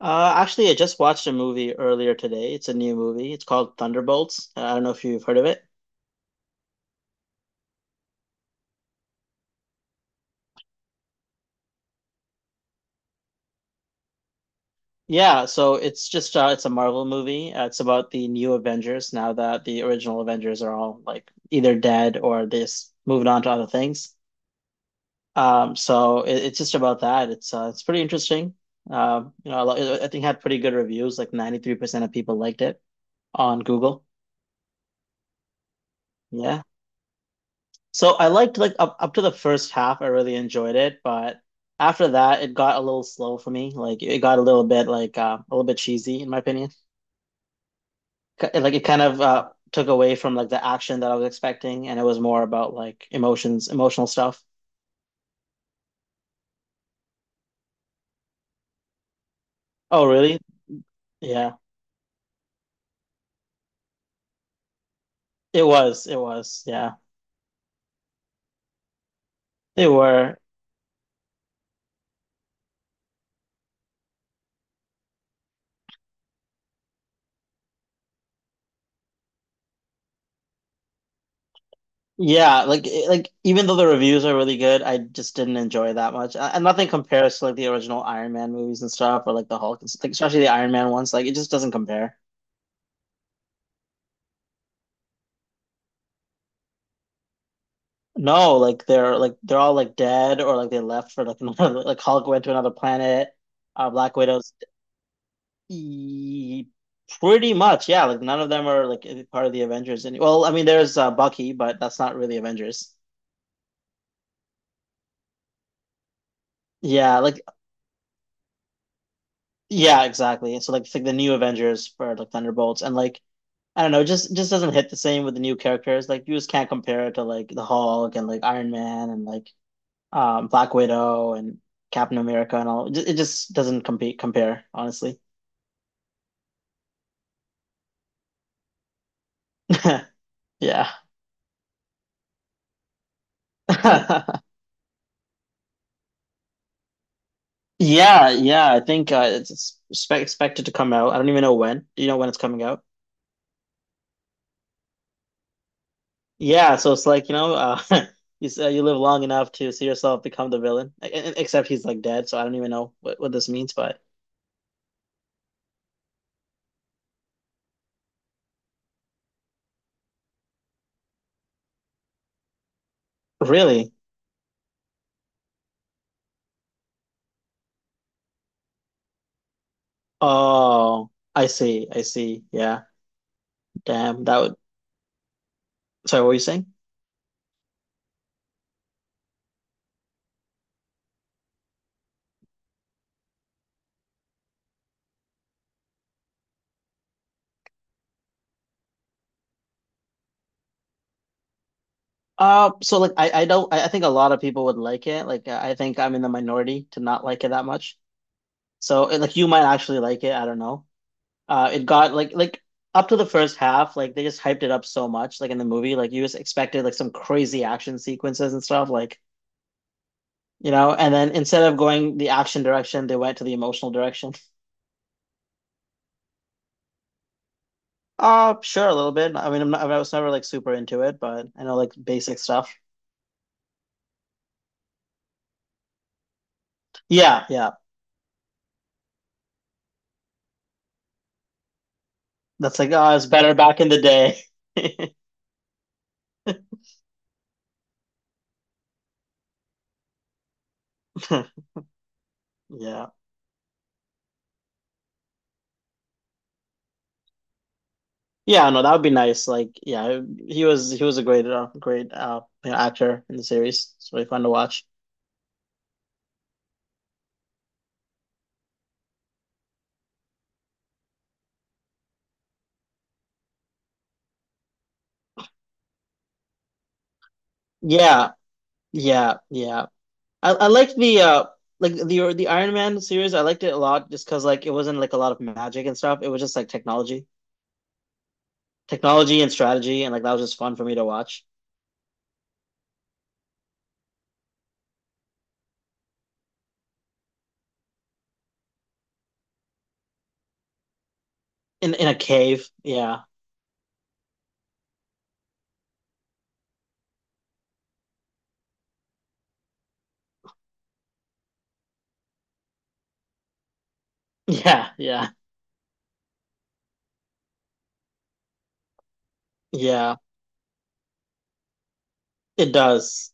Actually, I just watched a movie earlier today. It's a new movie. It's called Thunderbolts. I don't know if you've heard of it. Yeah, so it's just it's a Marvel movie. It's about the new Avengers now that the original Avengers are all like either dead or moved on to other things. So it's just about that. It's pretty interesting. I think it had pretty good reviews. Like 93% of people liked it on Google. Yeah. So I liked like up to the first half, I really enjoyed it, but after that, it got a little slow for me. Like it got a little bit a little bit cheesy in my opinion. Like it kind of took away from like the action that I was expecting, and it was more about like emotions, emotional stuff. Oh, really? Yeah, it was. It was. Yeah, they were. Yeah, like even though the reviews are really good, I just didn't enjoy it that much, and nothing compares to like the original Iron Man movies and stuff, or like the Hulk, and like, especially the Iron Man ones. Like it just doesn't compare. No, like they're all like dead or like they left for like another like Hulk went to another planet. Black Widow's e pretty much, yeah. Like none of them are like part of the Avengers. Any well, I mean, there's Bucky, but that's not really Avengers. Yeah, like yeah, exactly. So like it's like the new Avengers for like Thunderbolts and like I don't know, it just doesn't hit the same with the new characters. Like you just can't compare it to like the Hulk and like Iron Man and like Black Widow and Captain America and all. It just doesn't compete compare, honestly. Yeah. Yeah, yeah, I think it's expected to come out. I don't even know when. Do you know when it's coming out? Yeah, so it's like, you know, you live long enough to see yourself become the villain. Except he's like dead, so I don't even know what this means, but really? Oh, I see. I see. Yeah. Damn, that would Sorry, what were you saying? I don't I think a lot of people would like it. Like I think I'm in the minority to not like it that much. So and, like you might actually like it. I don't know. It got like up to the first half, like they just hyped it up so much. Like in the movie, like you just expected like some crazy action sequences and stuff. Like you know, and then instead of going the action direction, they went to the emotional direction. Sure, a little bit. I mean, I was never like super into it, but I know like basic stuff. Yeah, yeah. That's like, oh, it's better back in the day. Yeah. Yeah, no, that would be nice. Like, yeah, he was a great great you know, actor in the series. It's really fun to watch. Yeah, yeah, yeah. I liked the like the Iron Man series. I liked it a lot just because like it wasn't like a lot of magic and stuff. It was just like technology, technology and strategy, and like that was just fun for me to watch in a cave. Yeah, yeah, yeah, yeah. It does.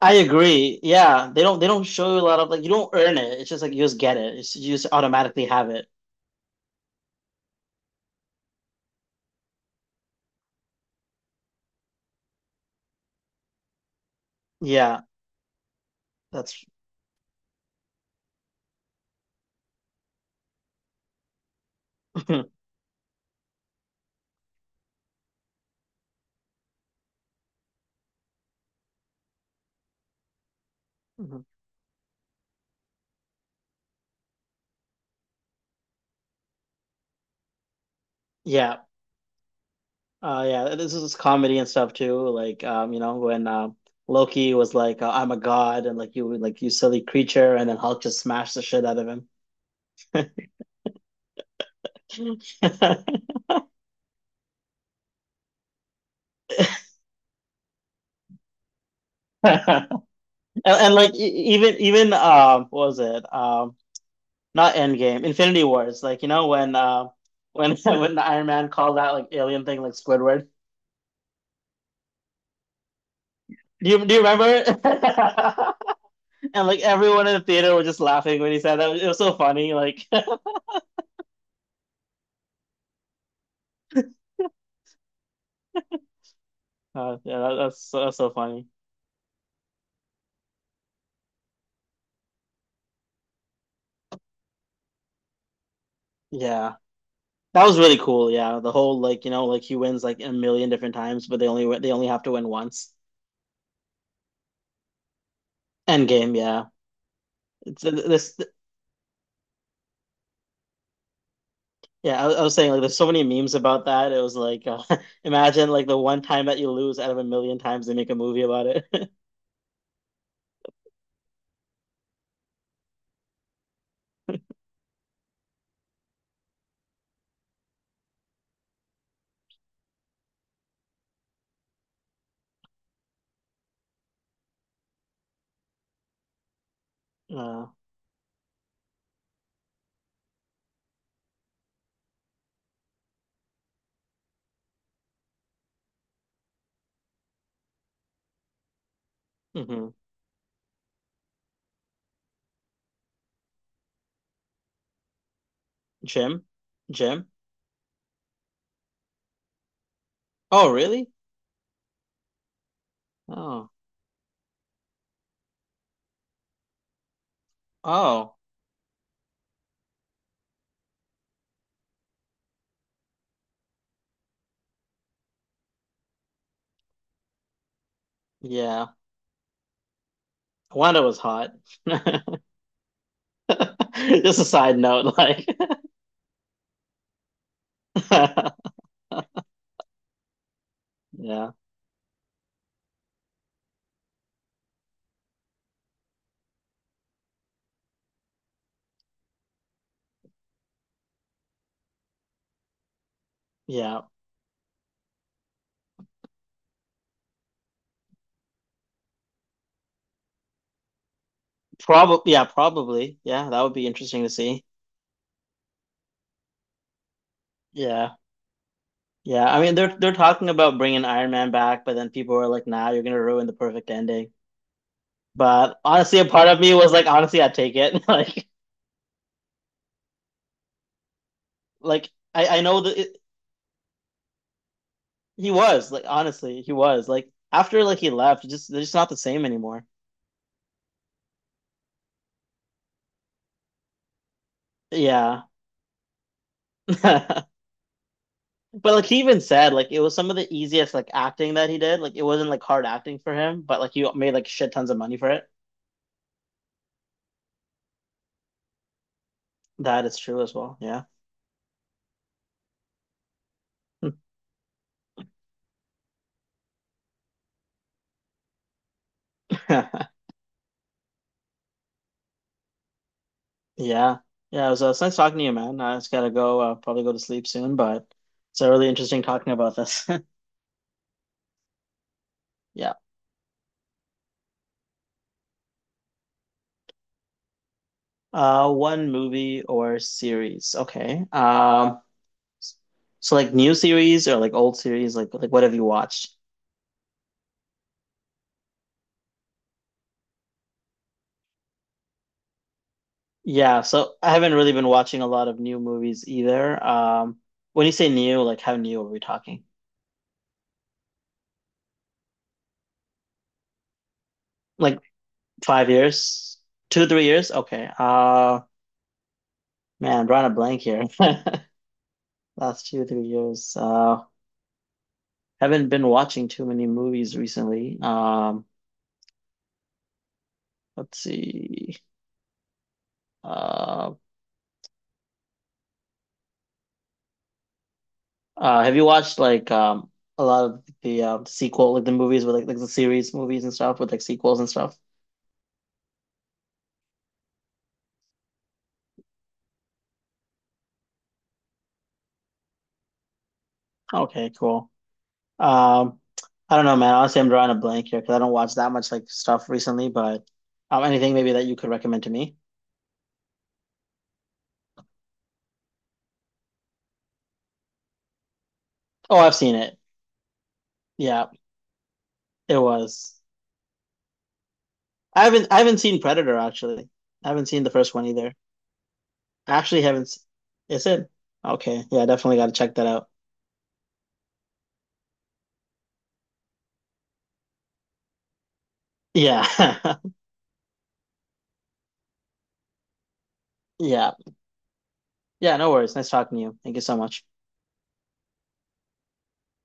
I agree. Yeah, they don't show you a lot of like you don't earn it. It's just like you just get it. You just automatically have it. Yeah. That's Mhm. yeah, yeah. This is comedy and stuff too. Like, you know, when Loki was like, "I'm a god," and like you silly creature, and then Hulk just smashed the shit out of him. And like even what was it? Not Endgame, Infinity Wars. Like you know when when the Iron Man called that like alien thing like Squidward. Do you remember? And like everyone in the theater was just laughing when he said that. It was so funny. Like. Yeah, that's so funny. Yeah, that was really cool. Yeah, the whole like you know like he wins like a million different times, but they only have to win once. End game. Yeah, it's this. Yeah, I was saying like there's so many memes about that. It was like imagine like the one time that you lose out of a million times they make a movie about it. Uh, mm-hmm. Jim, Jim. Oh, really? Oh, oh, yeah. Wanda was hot. Just a side note, like, yeah, yeah. Probably, yeah, probably. Yeah, that would be interesting to see. Yeah. Yeah. I mean, they're talking about bringing Iron Man back, but then people are like, "Nah, you're gonna ruin the perfect ending." But honestly, a part of me was like, honestly, I take it. Like, I know that it, he was like, honestly, he was like after like he left, it just they're just not the same anymore. Yeah. But like he even said, like it was some of the easiest like acting that he did. Like it wasn't like hard acting for him, but like he made like shit tons of money for it. That is true as well. Yeah. Yeah. Yeah, it was, it's nice talking to you, man. I just gotta go, probably go to sleep soon, but it's really interesting talking about this. Yeah. One movie or series. Okay. So like new series or like old series, like what have you watched? Yeah, so I haven't really been watching a lot of new movies either. When you say new, like how new are we talking? Like 5 years? Two, 3 years? Okay. Man, drawing a blank here. Last two, 3 years. Haven't been watching too many movies recently. Let's see. Uh, have you watched like a lot of the sequel, like the movies with like the series movies and stuff with like sequels and stuff? Okay, cool. Um, I don't know, man. Honestly, I'm drawing a blank here because I don't watch that much like stuff recently. But anything maybe that you could recommend to me? Oh, I've seen it. Yeah, it was. I haven't seen Predator actually. I haven't seen the first one either. I actually haven't. Is it? Okay. Yeah, definitely got to check that out. Yeah. Yeah. Yeah, no worries. Nice talking to you. Thank you so much.